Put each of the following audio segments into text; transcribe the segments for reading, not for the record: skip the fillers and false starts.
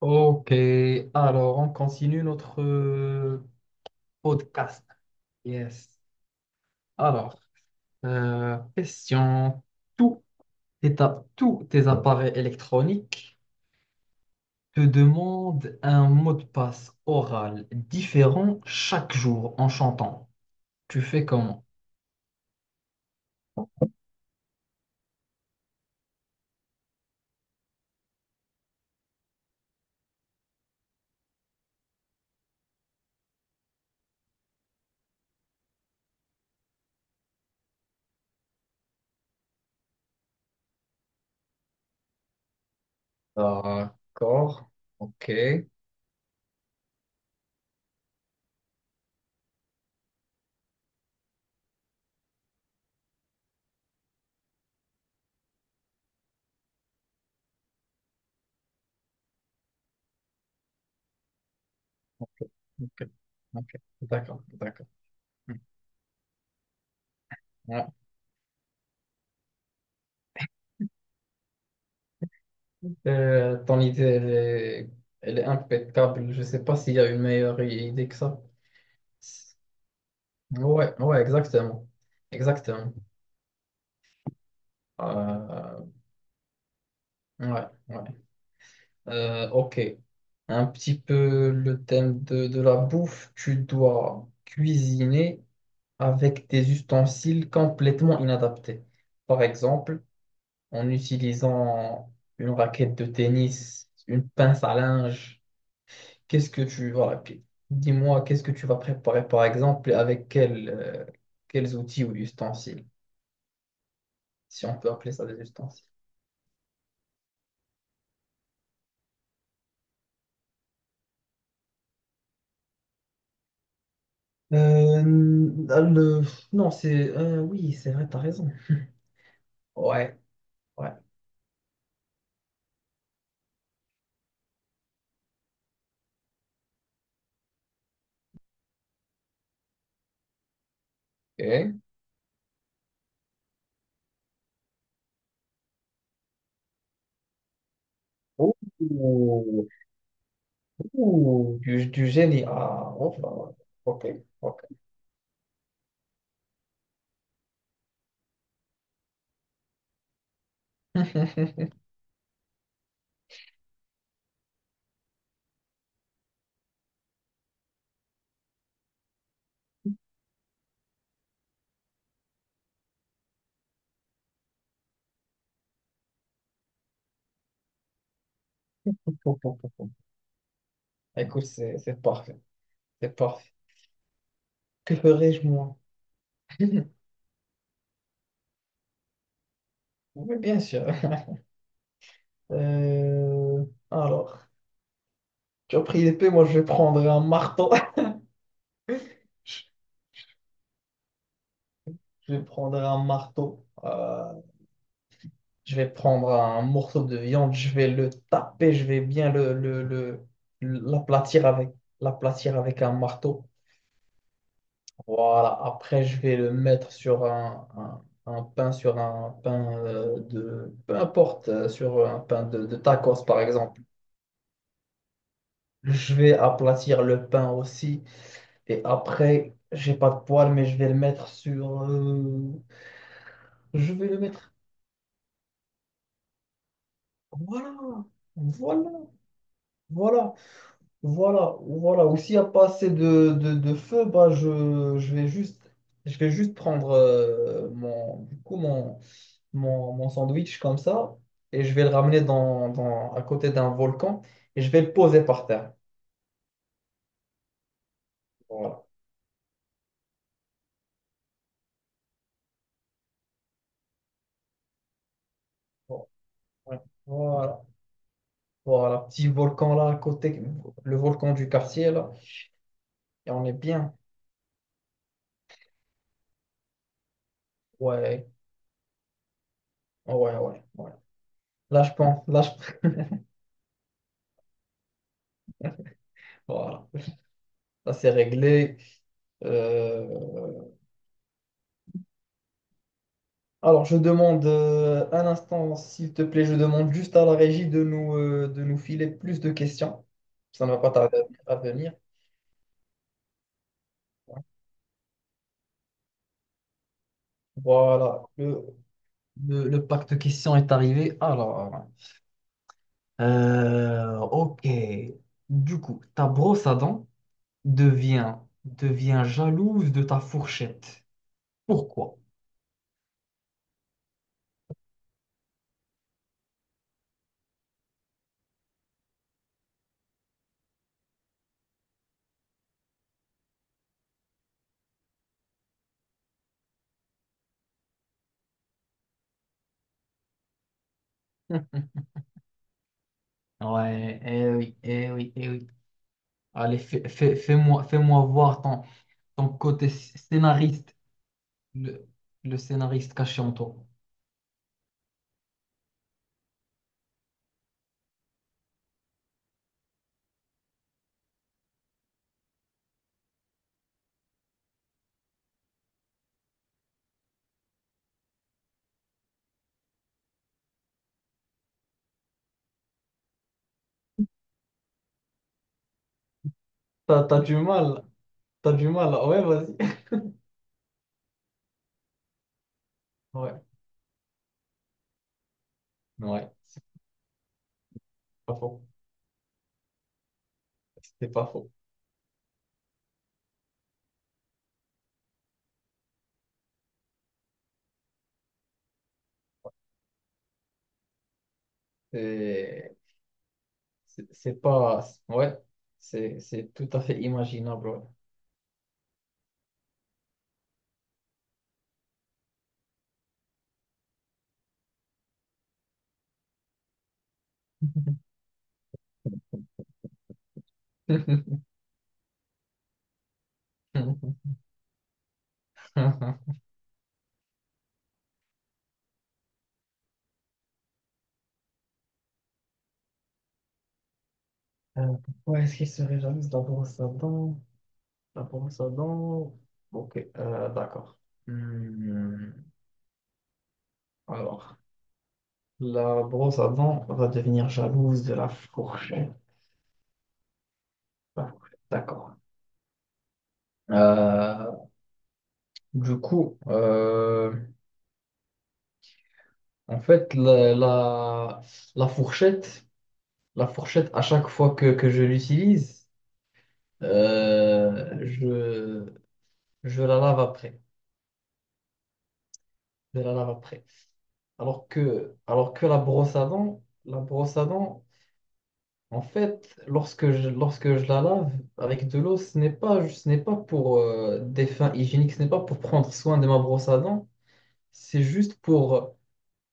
Ok, alors on continue notre podcast. Yes. Alors, question. Tous tous tes appareils électroniques te demandent un mot de passe oral différent chaque jour en chantant. Tu fais comment? D'accord. Ok. Ok. Ok. D'accord. D'accord. Hmm. Ouais. Ton idée, elle est impeccable. Je ne sais pas s'il y a une meilleure idée que ça. Ouais, ouais, exactement. Exactement. Euh, ouais, ouais. Ok. Un petit peu le thème de la bouffe. Tu dois cuisiner avec des ustensiles complètement inadaptés. Par exemple, en utilisant une raquette de tennis, une pince à linge. Qu'est-ce que tu... Voilà. qu- Dis-moi, qu'est-ce que tu vas préparer, par exemple, et avec quels outils ou ustensiles, si on peut appeler ça des ustensiles. Euh, le- Non, oui, c'est vrai, t'as raison. Ouais, ouais. Ok. Ouh, ouh, du génie. Ah, enfin, ok, ok. Pou, pou, pou, pou. Écoute, c'est parfait. C'est parfait. Que ferais-je moi? Oui, bien sûr. Euh, Alors, tu as pris l'épée, moi je vais prendre un marteau. Je vais prendre un marteau. Je vais prendre un morceau de viande, je vais le taper, je vais bien l'aplatir l'aplatir avec un marteau. Voilà, après je vais le mettre sur un pain, sur un pain Peu importe, sur un pain de tacos par exemple. Je vais aplatir le pain aussi. Et après, j'ai pas de poêle, mais je vais le mettre je vais le mettre... Voilà, voilà, voilà. Voilà, voilà. Ou s'il n'y a pas assez de feu, je vais juste prendre mon, du coup, mon sandwich comme ça et je vais le ramener à côté d'un volcan et je vais le poser par terre. Voilà. Voilà. Voilà. Voilà. Petit volcan là à côté, le volcan du quartier là. Et on est bien. Ouais. Ouais, ouais, ouais. Là, je pense. Là, je... Voilà. Ça c'est réglé. Euh, Alors, je demande un instant, s'il te plaît, je demande juste à la régie de nous filer plus de questions. Ça ne va pas tarder à venir. Voilà, le, le pack de questions est arrivé. Alors, ok. Du coup, ta brosse à devient, devient jalouse de ta fourchette. Pourquoi? Ouais, eh oui, eh oui, eh oui. Allez, fais, fais, moi fais-moi fais-moi voir ton, ton côté scénariste. Le, le scénariste caché en toi. T'as du mal. T'as du mal. Ouais, vas-y. Ouais. Ouais. Pas faux. C'est pas faux. C'est c'est pas. Ouais. C'est tout à fait imaginable. Ouais. Euh, Pourquoi est-ce qu'il serait jaloux de la brosse à dents? La brosse à dents. Ok, d'accord. Hmm, Alors, la brosse à dents va devenir jalouse de la fourchette. La fourchette, D'accord. Euh, du coup, en fait, la fourchette, la fourchette, à chaque fois que je l'utilise, euh, je, je la lave après. Je la lave après. Alors que la brosse à dents, la brosse à dents, En fait, lorsque je la lave avec de l'eau, ce n'est pas pour des fins hygiéniques, ce n'est pas pour prendre soin de ma brosse à dents, c'est juste pour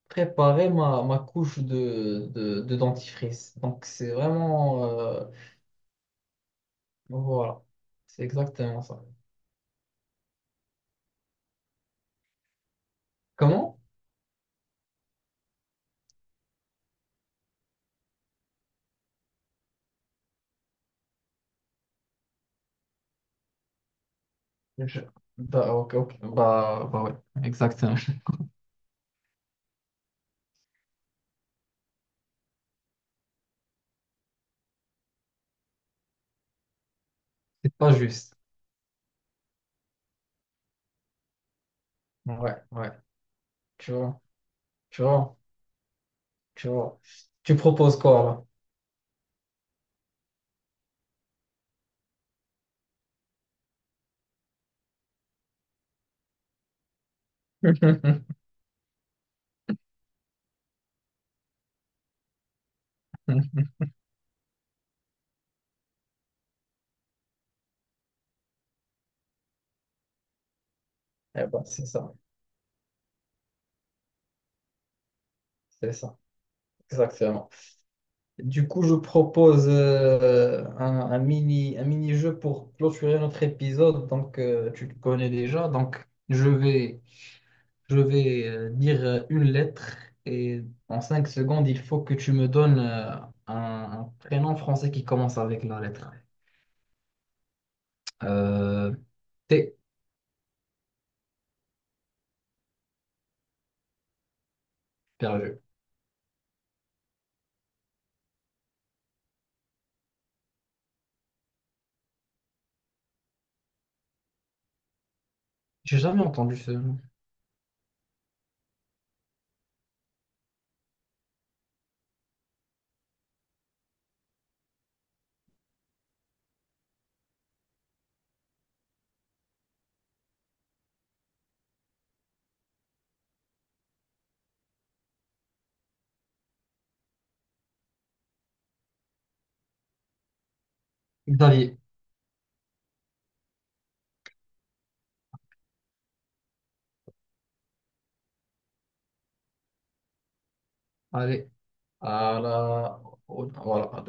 préparer ma couche de dentifrice. Donc c'est voilà, c'est exactement ça. Comment? Je- Bah, ok, ok. Bah, bah ouais, exactement. C'est pas juste. Ouais, ouais. Tu vois, tu vois, tu vois. Tu proposes quoi là? Eh ben, c'est ça, c'est ça. Exactement. Du coup, je propose un mini, un mini-jeu pour clôturer notre épisode. Donc, tu le connais déjà. Donc, je vais dire une lettre et en 5 secondes, il faut que tu me donnes un prénom français qui commence avec la lettre. Euh, T, perdu. J'ai jamais entendu ce nom. Xavier. Allez, à la... voilà,